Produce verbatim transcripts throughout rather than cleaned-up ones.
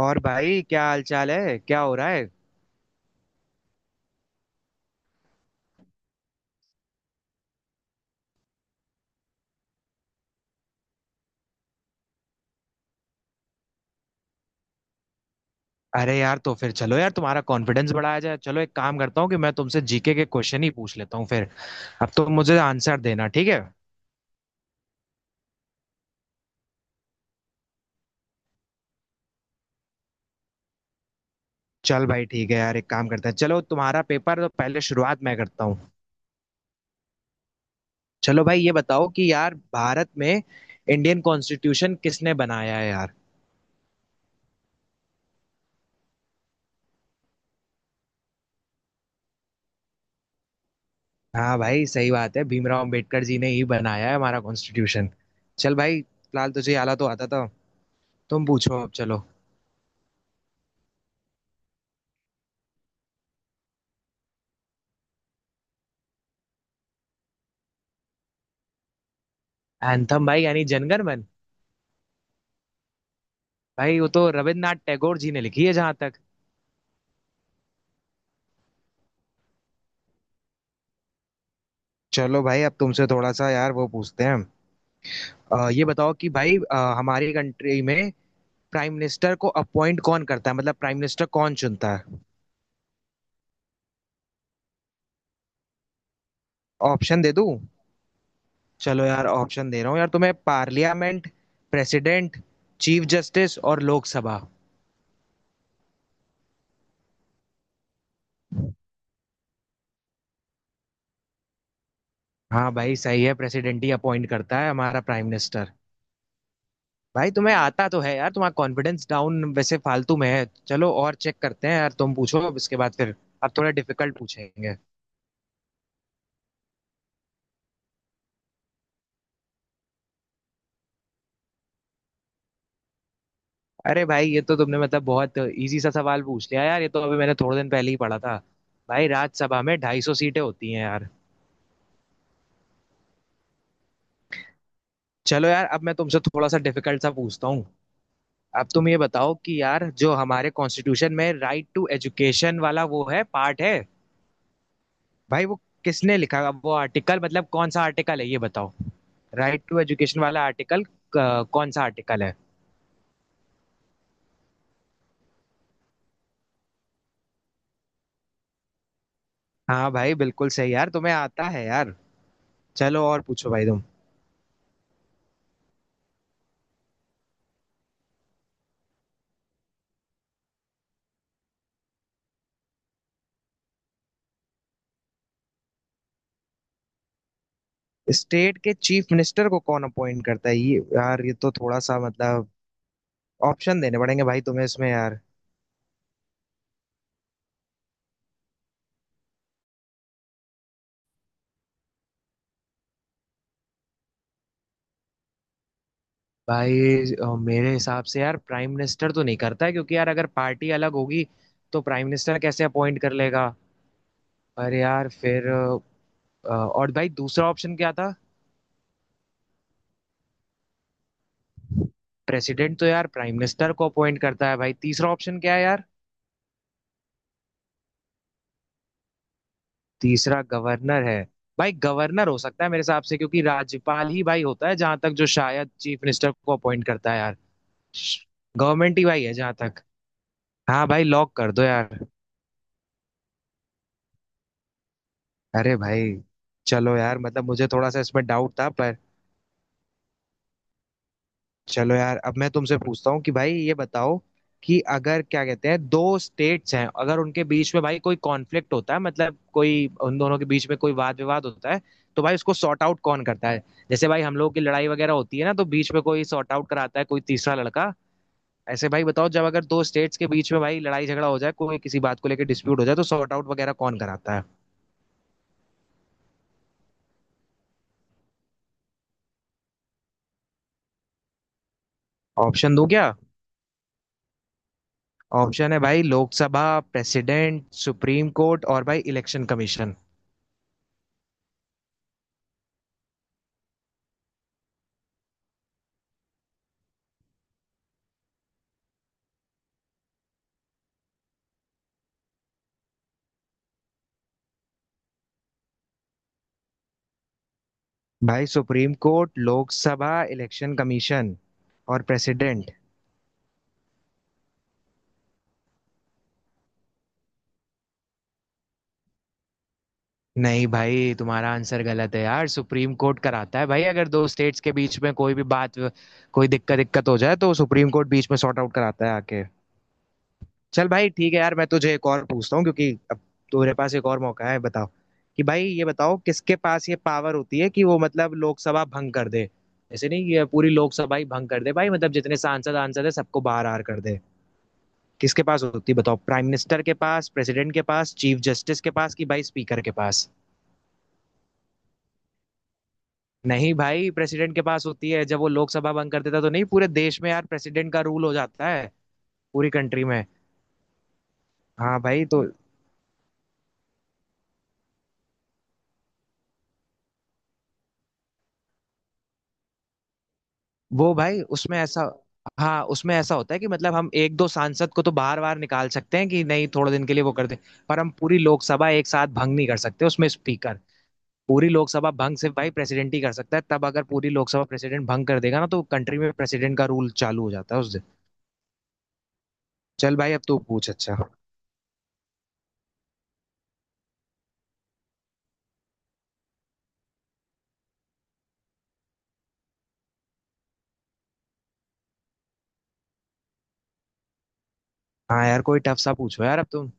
और भाई क्या हाल चाल है, क्या हो रहा है। अरे यार, तो फिर चलो यार, तुम्हारा कॉन्फिडेंस बढ़ाया जाए। चलो एक काम करता हूँ कि मैं तुमसे जीके के क्वेश्चन ही पूछ लेता हूँ फिर। अब तुम मुझे आंसर देना, ठीक है। चल भाई ठीक है यार, एक काम करते हैं, चलो तुम्हारा पेपर तो पहले, शुरुआत मैं करता हूँ। चलो भाई ये बताओ कि यार भारत में इंडियन कॉन्स्टिट्यूशन किसने बनाया है यार। हाँ भाई, सही बात है, भीमराव अंबेडकर जी ने ही बनाया है हमारा कॉन्स्टिट्यूशन। चल भाई, फिलहाल तुझे आला तो आता था। तुम पूछो अब, चलो। एंथम भाई यानी जनगण मन। भाई वो तो रविन्द्रनाथ टैगोर जी ने लिखी है जहां तक। चलो भाई, अब तुमसे थोड़ा सा यार वो पूछते हैं। अ, ये बताओ कि भाई, अ, हमारी कंट्री में प्राइम मिनिस्टर को अपॉइंट कौन करता है, मतलब प्राइम मिनिस्टर कौन चुनता है। ऑप्शन दे दूं? चलो यार, ऑप्शन दे रहा हूँ यार तुम्हें। पार्लियामेंट, प्रेसिडेंट, चीफ जस्टिस और लोकसभा। हाँ भाई सही है, प्रेसिडेंट ही अपॉइंट करता है हमारा प्राइम मिनिस्टर। भाई तुम्हें आता तो है यार, तुम्हारा कॉन्फिडेंस डाउन वैसे फालतू में है। चलो और चेक करते हैं यार, तुम पूछो अब इसके बाद फिर। अब थोड़ा डिफिकल्ट पूछेंगे। अरे भाई, ये तो तुमने मतलब बहुत इजी सा सवाल पूछ लिया यार, ये तो अभी मैंने थोड़े दिन पहले ही पढ़ा था। भाई, राज्यसभा में ढाई सौ सीटें होती हैं यार। चलो यार, अब मैं तुमसे थोड़ा सा डिफिकल्ट सा पूछता हूँ। अब तुम ये बताओ कि यार, जो हमारे कॉन्स्टिट्यूशन में राइट टू एजुकेशन वाला वो है, पार्ट है। भाई वो किसने लिखा, अब वो आर्टिकल, मतलब कौन सा आर्टिकल है ये बताओ। राइट टू एजुकेशन वाला आर्टिकल कौन सा आर्टिकल है। हाँ भाई बिल्कुल सही, यार तुम्हें आता है यार। चलो और पूछो भाई तुम। स्टेट के चीफ मिनिस्टर को कौन अपॉइंट करता है, ये यार ये तो थोड़ा सा मतलब ऑप्शन देने पड़ेंगे भाई तुम्हें इसमें यार। भाई, अ, मेरे हिसाब से यार, प्राइम मिनिस्टर तो नहीं करता है, क्योंकि यार अगर पार्टी अलग होगी तो प्राइम मिनिस्टर कैसे अपॉइंट कर लेगा। पर यार फिर अ, और भाई, दूसरा ऑप्शन क्या था? प्रेसिडेंट तो यार प्राइम मिनिस्टर को अपॉइंट करता है भाई। तीसरा ऑप्शन क्या है यार? तीसरा गवर्नर है। भाई, गवर्नर हो सकता है मेरे हिसाब से, क्योंकि राज्यपाल ही भाई होता है जहां तक, जो शायद चीफ मिनिस्टर को अपॉइंट करता है यार। गवर्नमेंट ही भाई है जहां तक। हाँ भाई, लॉक कर दो यार। अरे भाई! चलो यार, मतलब मुझे थोड़ा सा इसमें डाउट था पर। चलो यार, अब मैं तुमसे पूछता हूँ कि भाई ये बताओ कि अगर, क्या कहते हैं, दो स्टेट्स हैं, अगर उनके बीच में भाई कोई कॉन्फ्लिक्ट होता है, मतलब कोई उन दोनों के बीच में कोई वाद विवाद होता है, तो भाई उसको सॉर्ट आउट कौन करता है। जैसे भाई हम लोगों की लड़ाई वगैरह होती है ना, तो बीच में कोई सॉर्ट आउट कराता है, कोई तीसरा लड़का। ऐसे भाई बताओ, जब अगर दो स्टेट्स के बीच में भाई लड़ाई झगड़ा हो जाए, कोई किसी बात को लेकर डिस्प्यूट हो जाए, तो सॉर्ट आउट वगैरह कौन कराता है। ऑप्शन दूं क्या? ऑप्शन है भाई, लोकसभा, प्रेसिडेंट, सुप्रीम कोर्ट और भाई इलेक्शन कमीशन। भाई, supreme court, Lok Sabha, election commission और प्रेसिडेंट। नहीं भाई, तुम्हारा आंसर गलत है यार। सुप्रीम कोर्ट कराता है भाई, अगर दो स्टेट्स के बीच में कोई भी बात, कोई दिक्कत दिक्कत हो जाए, तो सुप्रीम कोर्ट बीच में सॉर्ट आउट कराता है आके। चल भाई ठीक है यार, मैं तुझे एक और पूछता हूँ, क्योंकि अब तुम्हारे पास एक और मौका है। बताओ कि भाई ये बताओ, किसके पास ये पावर होती है कि वो मतलब लोकसभा भंग कर दे। ऐसे नहीं कि पूरी लोकसभा ही भंग कर दे भाई, मतलब जितने सांसद आंसद है, सबको बाहर आर कर दे। किसके पास होती है बताओ? प्राइम मिनिस्टर के पास, प्रेसिडेंट के पास, चीफ जस्टिस के पास, कि भाई स्पीकर के पास। नहीं भाई, प्रेसिडेंट के पास होती है। जब वो लोकसभा भंग कर देता तो नहीं, पूरे देश में यार प्रेसिडेंट का रूल हो जाता है, पूरी कंट्री में। हाँ भाई, तो वो भाई उसमें ऐसा, हाँ उसमें ऐसा होता है कि मतलब हम एक दो सांसद को तो बार बार निकाल सकते हैं, कि नहीं थोड़े दिन के लिए वो कर दे। पर हम पूरी लोकसभा एक साथ भंग नहीं कर सकते उसमें स्पीकर। पूरी लोकसभा भंग सिर्फ भाई प्रेसिडेंट ही कर सकता है। तब अगर पूरी लोकसभा प्रेसिडेंट भंग कर देगा ना, तो कंट्री में प्रेसिडेंट का रूल चालू हो जाता है उस दिन। चल भाई, अब तू पूछ। अच्छा, हाँ यार, कोई टफ सा पूछो यार अब तुम।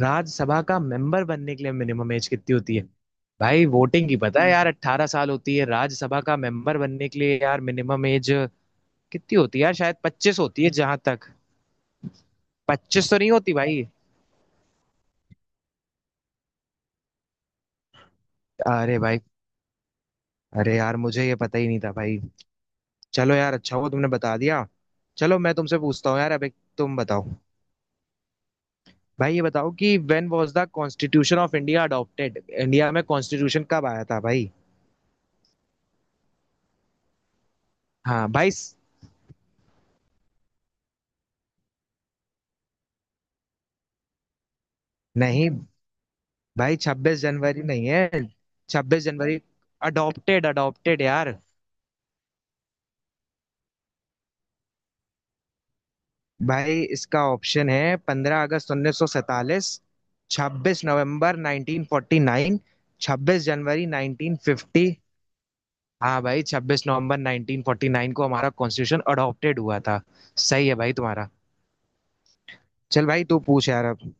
राज्यसभा का मेंबर बनने के लिए मिनिमम एज कितनी होती है? भाई वोटिंग की पता है, हम्म, यार अट्ठारह साल होती है। राज्यसभा का मेंबर बनने के लिए यार मिनिमम एज कितनी होती है यार? शायद पच्चीस होती है जहां तक। पच्चीस तो नहीं होती भाई? अरे भाई, अरे यार, मुझे ये पता ही नहीं था भाई। चलो यार, अच्छा हुआ तुमने बता दिया। चलो मैं तुमसे पूछता हूँ यार अब, एक तुम बताओ। भाई ये बताओ कि when was the constitution of India adopted, India में कॉन्स्टिट्यूशन कब आया था भाई। हाँ भाई स- नहीं भाई, छब्बीस जनवरी नहीं है। छब्बीस जनवरी अडॉप्टेड, अडॉप्टेड यार। भाई, इसका ऑप्शन है पंद्रह अगस्त उन्नीस सौ सैतालीस, छब्बीस नवंबर नाइनटीन फोर्टी नाइन, छब्बीस जनवरी नाइनटीन फिफ्टी। हाँ भाई, छब्बीस नवंबर नाइनटीन फोर्टी नाइन को हमारा कॉन्स्टिट्यूशन अडॉप्टेड हुआ था। सही है भाई, तुम्हारा। चल भाई तू पूछ यार अब।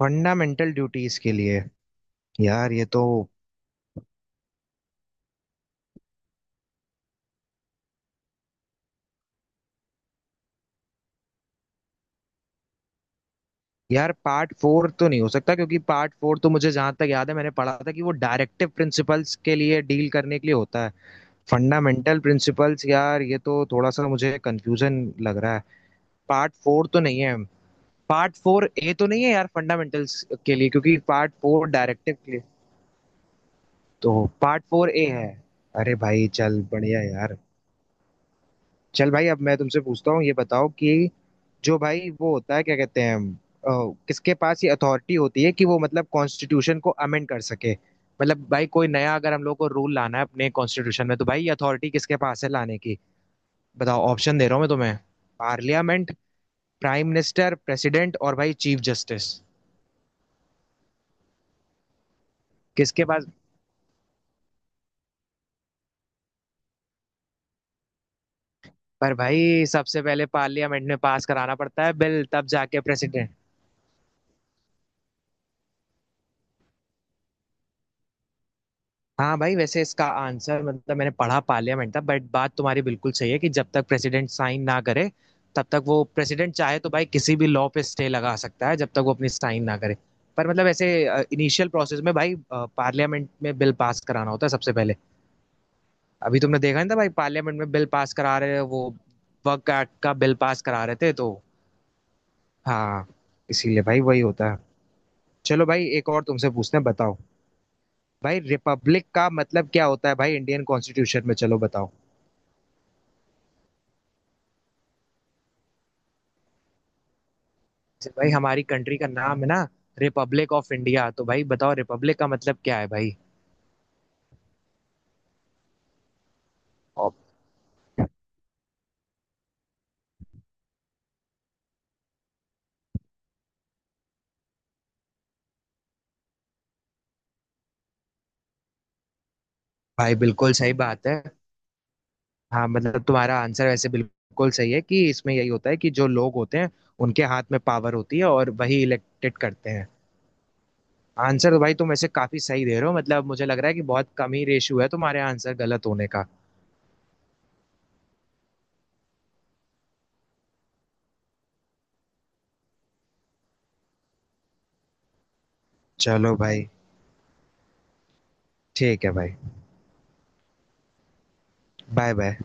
फंडामेंटल ड्यूटीज के लिए? यार ये तो, यार पार्ट फोर तो नहीं हो सकता, क्योंकि पार्ट फोर तो मुझे जहां तक याद है, मैंने पढ़ा था कि वो डायरेक्टिव प्रिंसिपल्स के लिए डील करने के लिए होता है। फंडामेंटल प्रिंसिपल्स यार, ये तो थोड़ा सा मुझे कंफ्यूजन लग रहा है। पार्ट फोर तो नहीं है, पार्ट फोर ए तो नहीं है यार फंडामेंटल्स के लिए, क्योंकि पार्ट फोर डायरेक्टिव के लिए, तो पार्ट फोर ए है। अरे भाई, चल बढ़िया यार। चल भाई, अब मैं तुमसे पूछता हूँ, ये बताओ कि जो भाई वो होता है, क्या कहते हैं, अ, किसके पास ये अथॉरिटी होती है कि वो मतलब कॉन्स्टिट्यूशन को अमेंड कर सके। मतलब भाई कोई नया अगर हम लोग को रूल लाना है अपने कॉन्स्टिट्यूशन में, तो भाई ये अथॉरिटी किसके पास है लाने की। बताओ, ऑप्शन दे रहा हूँ मैं तुम्हें, पार्लियामेंट, प्राइम मिनिस्टर, प्रेसिडेंट और भाई चीफ जस्टिस। किसके पास? पर भाई सबसे पहले पार्लियामेंट में पास कराना पड़ता है बिल, तब जाके प्रेसिडेंट। हाँ भाई, वैसे इसका आंसर मतलब मैंने पढ़ा पार्लियामेंट था, बट बात तुम्हारी बिल्कुल सही है कि जब तक प्रेसिडेंट साइन ना करे, तब तक वो, प्रेसिडेंट चाहे तो भाई किसी भी लॉ पे स्टे लगा सकता है जब तक वो अपनी साइन ना करे। पर मतलब ऐसे इनिशियल प्रोसेस में भाई पार्लियामेंट में बिल पास कराना होता है सबसे पहले। अभी तुमने देखा नहीं था भाई, पार्लियामेंट में बिल पास करा रहे हैं वो, वर्क एक्ट का बिल पास करा रहे थे तो। हाँ, इसीलिए भाई वही होता है। चलो भाई एक और तुमसे पूछते हैं, बताओ। भाई रिपब्लिक का मतलब क्या होता है भाई इंडियन कॉन्स्टिट्यूशन में, चलो बताओ। जैसे भाई हमारी कंट्री का नाम है ना, रिपब्लिक ऑफ इंडिया, तो भाई बताओ रिपब्लिक का मतलब क्या है भाई। और? भाई बिल्कुल सही बात है। हाँ मतलब तुम्हारा आंसर वैसे बिल्कुल सही है, कि इसमें यही होता है कि जो लोग होते हैं, उनके हाथ में पावर होती है और वही इलेक्टेड करते हैं। आंसर तो भाई तुम ऐसे काफी सही दे रहे हो, मतलब मुझे लग रहा है कि बहुत कम ही रेशियो है तुम्हारे आंसर गलत होने का। चलो भाई ठीक है भाई, बाय बाय।